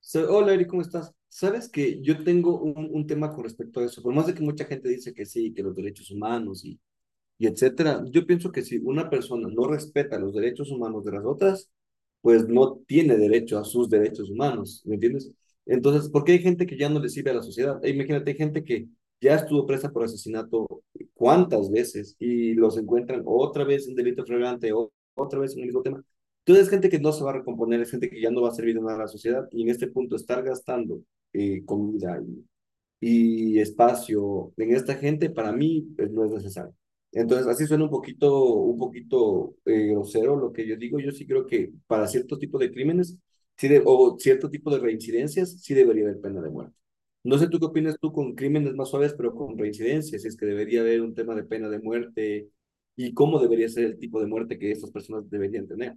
Hola, Eri, ¿cómo estás? Sabes que yo tengo un tema con respecto a eso, por más de que mucha gente dice que sí, que los derechos humanos y etcétera. Yo pienso que si una persona no respeta los derechos humanos de las otras, pues no tiene derecho a sus derechos humanos, ¿me entiendes? Entonces, ¿por qué hay gente que ya no le sirve a la sociedad? E imagínate, hay gente que ya estuvo presa por asesinato cuántas veces y los encuentran otra vez en delito flagrante o otra vez en el mismo tema. Entonces, es gente que no se va a recomponer, es gente que ya no va a servir de nada a la sociedad y en este punto estar gastando comida y espacio en esta gente para mí pues, no es necesario. Entonces, así suena un poquito grosero lo que yo digo. Yo sí creo que para ciertos tipos de crímenes o cierto tipo de reincidencias sí debería haber pena de muerte. No sé tú qué opinas tú con crímenes más suaves, pero con reincidencias, si es que debería haber un tema de pena de muerte y cómo debería ser el tipo de muerte que estas personas deberían tener.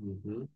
Ujú.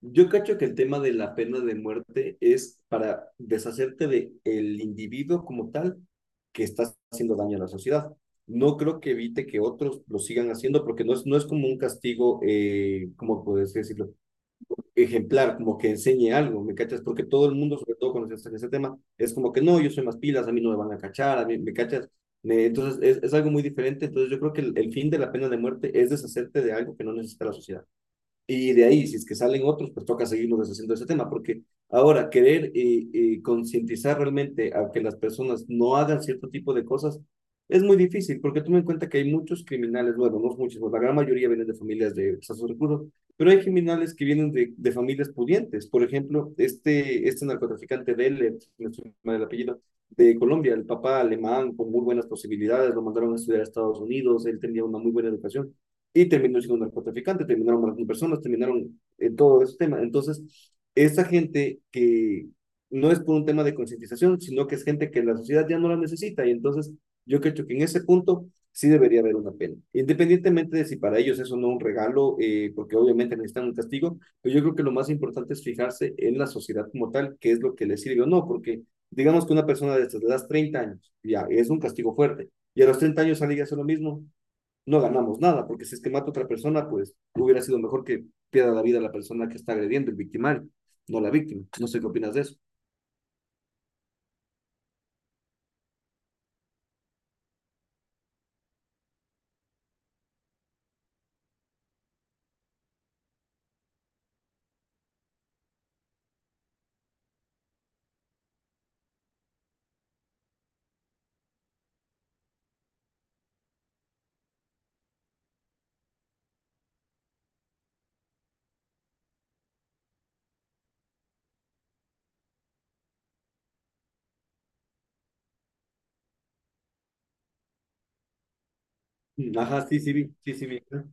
Yo cacho que el tema de la pena de muerte es para deshacerte de el individuo como tal que está haciendo daño a la sociedad. No creo que evite que otros lo sigan haciendo porque no es como un castigo, como puedes decirlo, ejemplar, como que enseñe algo, ¿me cachas? Porque todo el mundo, sobre todo cuando se está ese tema, es como que no, yo soy más pilas, a mí no me van a cachar, a mí, ¿me cachas? Entonces es algo muy diferente. Entonces yo creo que el fin de la pena de muerte es deshacerte de algo que no necesita la sociedad. Y de ahí, si es que salen otros, pues toca seguirnos deshaciendo ese tema, porque ahora querer concientizar realmente a que las personas no hagan cierto tipo de cosas es muy difícil, porque toma en cuenta que hay muchos criminales, bueno, no muchos, pues la gran mayoría vienen de familias de escasos recursos, pero hay criminales que vienen de familias pudientes. Por ejemplo, este narcotraficante de el apellido, de Colombia, el papá alemán con muy buenas posibilidades, lo mandaron a estudiar a Estados Unidos, él tenía una muy buena educación y terminó siendo un narcotraficante, terminaron matando personas, terminaron en todo ese tema. Entonces, esa gente que no es por un tema de concientización, sino que es gente que la sociedad ya no la necesita. Y entonces, yo creo que en ese punto sí debería haber una pena. Independientemente de si para ellos eso no es un regalo, porque obviamente necesitan un castigo, pero yo creo que lo más importante es fijarse en la sociedad como tal, qué es lo que les sirve o no, porque digamos que una persona de estas le das 30 años, ya, es un castigo fuerte, y a los 30 años sale y hace lo mismo, no ganamos nada, porque si es que mata a otra persona, pues hubiera sido mejor que pierda la vida la persona que está agrediendo, el victimario, no la víctima. No sé qué opinas de eso. Ajá, sí, sí, vi, sí, sí, vi. Ajá.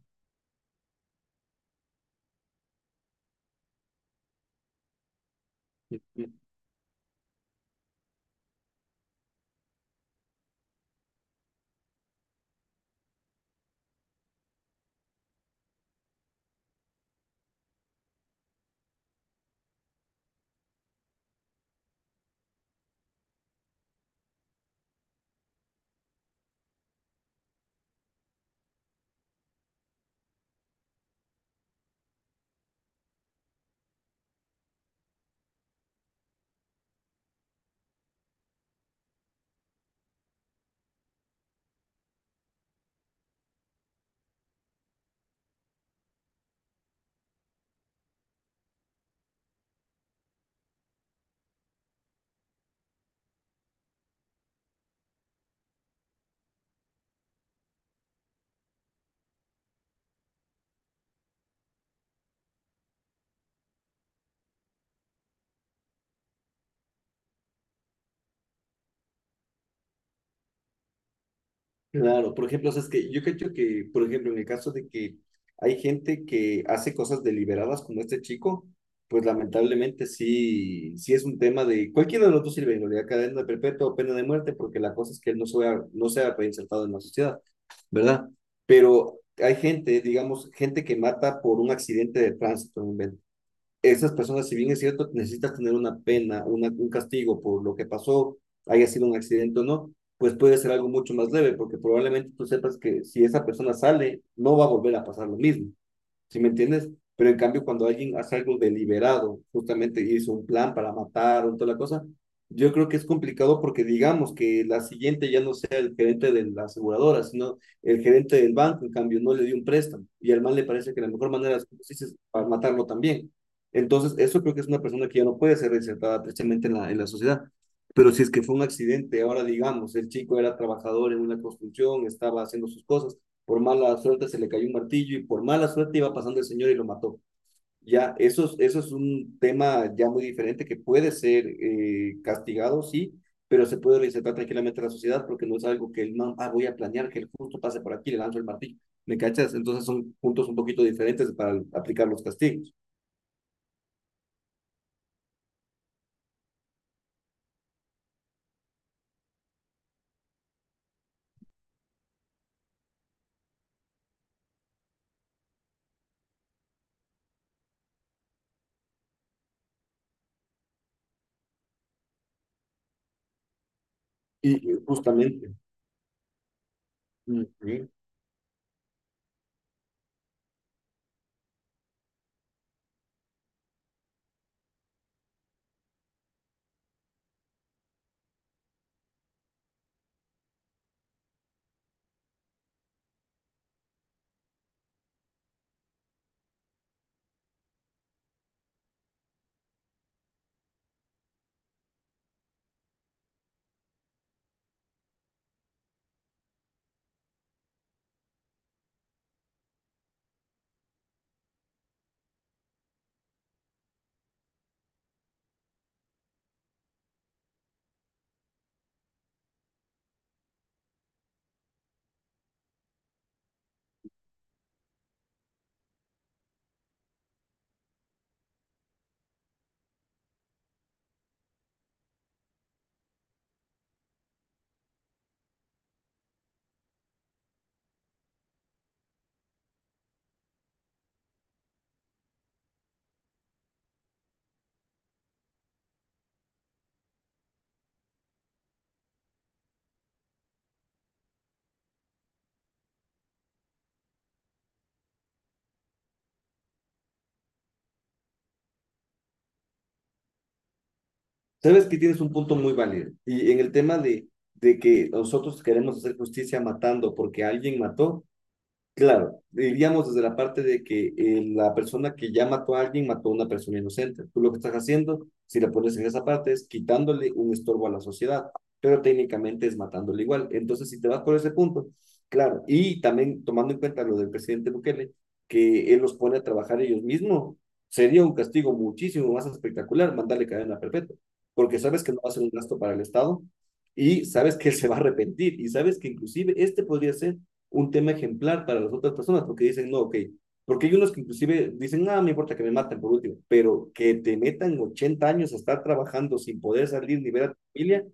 Claro, por ejemplo, o sea, es que yo creo que, por ejemplo, en el caso de que hay gente que hace cosas deliberadas como este chico, pues lamentablemente sí, sí es un tema de cualquiera de los dos sirve, en realidad cadena perpetua o pena de muerte, porque la cosa es que él no sea, no sea reinsertado en la sociedad. ¿Verdad? Pero hay gente, digamos, gente que mata por un accidente de tránsito. ¿Verdad? Esas personas, si bien es cierto, necesitas tener una pena, un castigo por lo que pasó, haya sido un accidente o no, pues puede ser algo mucho más leve, porque probablemente tú sepas que si esa persona sale, no va a volver a pasar lo mismo. ¿Sí me entiendes? Pero en cambio, cuando alguien hace algo deliberado, justamente hizo un plan para matar o toda la cosa, yo creo que es complicado porque digamos que la siguiente ya no sea el gerente de la aseguradora, sino el gerente del banco, en cambio, no le dio un préstamo y al mal le parece que la mejor manera es para matarlo también. Entonces, eso creo que es una persona que ya no puede ser reinsertada precisamente en en la sociedad. Pero si es que fue un accidente, ahora digamos, el chico era trabajador en una construcción, estaba haciendo sus cosas, por mala suerte se le cayó un martillo y por mala suerte iba pasando el señor y lo mató. Ya, eso es un tema ya muy diferente que puede ser castigado, sí, pero se puede reinsertar tranquilamente a la sociedad porque no es algo que el man, ah, voy a planear que el justo pase por aquí, le lanzo el martillo. ¿Me cachas? Entonces son puntos un poquito diferentes para aplicar los castigos. Y justamente, sabes que tienes un punto muy válido. Y en el tema de que nosotros queremos hacer justicia matando porque alguien mató, claro, diríamos desde la parte de que la persona que ya mató a alguien mató a una persona inocente. Tú lo que estás haciendo, si la pones en esa parte, es quitándole un estorbo a la sociedad, pero técnicamente es matándole igual. Entonces, si te vas por ese punto, claro, y también tomando en cuenta lo del presidente Bukele, que él los pone a trabajar ellos mismos, sería un castigo muchísimo más espectacular mandarle cadena perpetua, porque sabes que no va a ser un gasto para el Estado y sabes que él se va a arrepentir y sabes que inclusive este podría ser un tema ejemplar para las otras personas, porque dicen, no, ok, porque hay unos que inclusive dicen, nada, me importa que me maten por último, pero que te metan 80 años a estar trabajando sin poder salir ni ver a tu familia,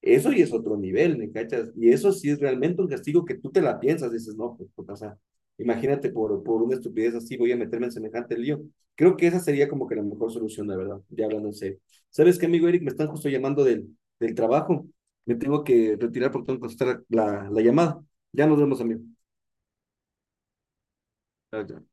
eso y es otro nivel, ¿me cachas? Y eso sí es realmente un castigo que tú te la piensas, dices, no, pues, pues o sea, imagínate por una estupidez así voy a meterme en semejante lío. Creo que esa sería como que la mejor solución, la verdad, ya hablando en serio. ¿Sabes qué, amigo Eric? Me están justo llamando del trabajo. Me tengo que retirar porque tengo que contestar la llamada. Ya nos vemos, amigo. Ok.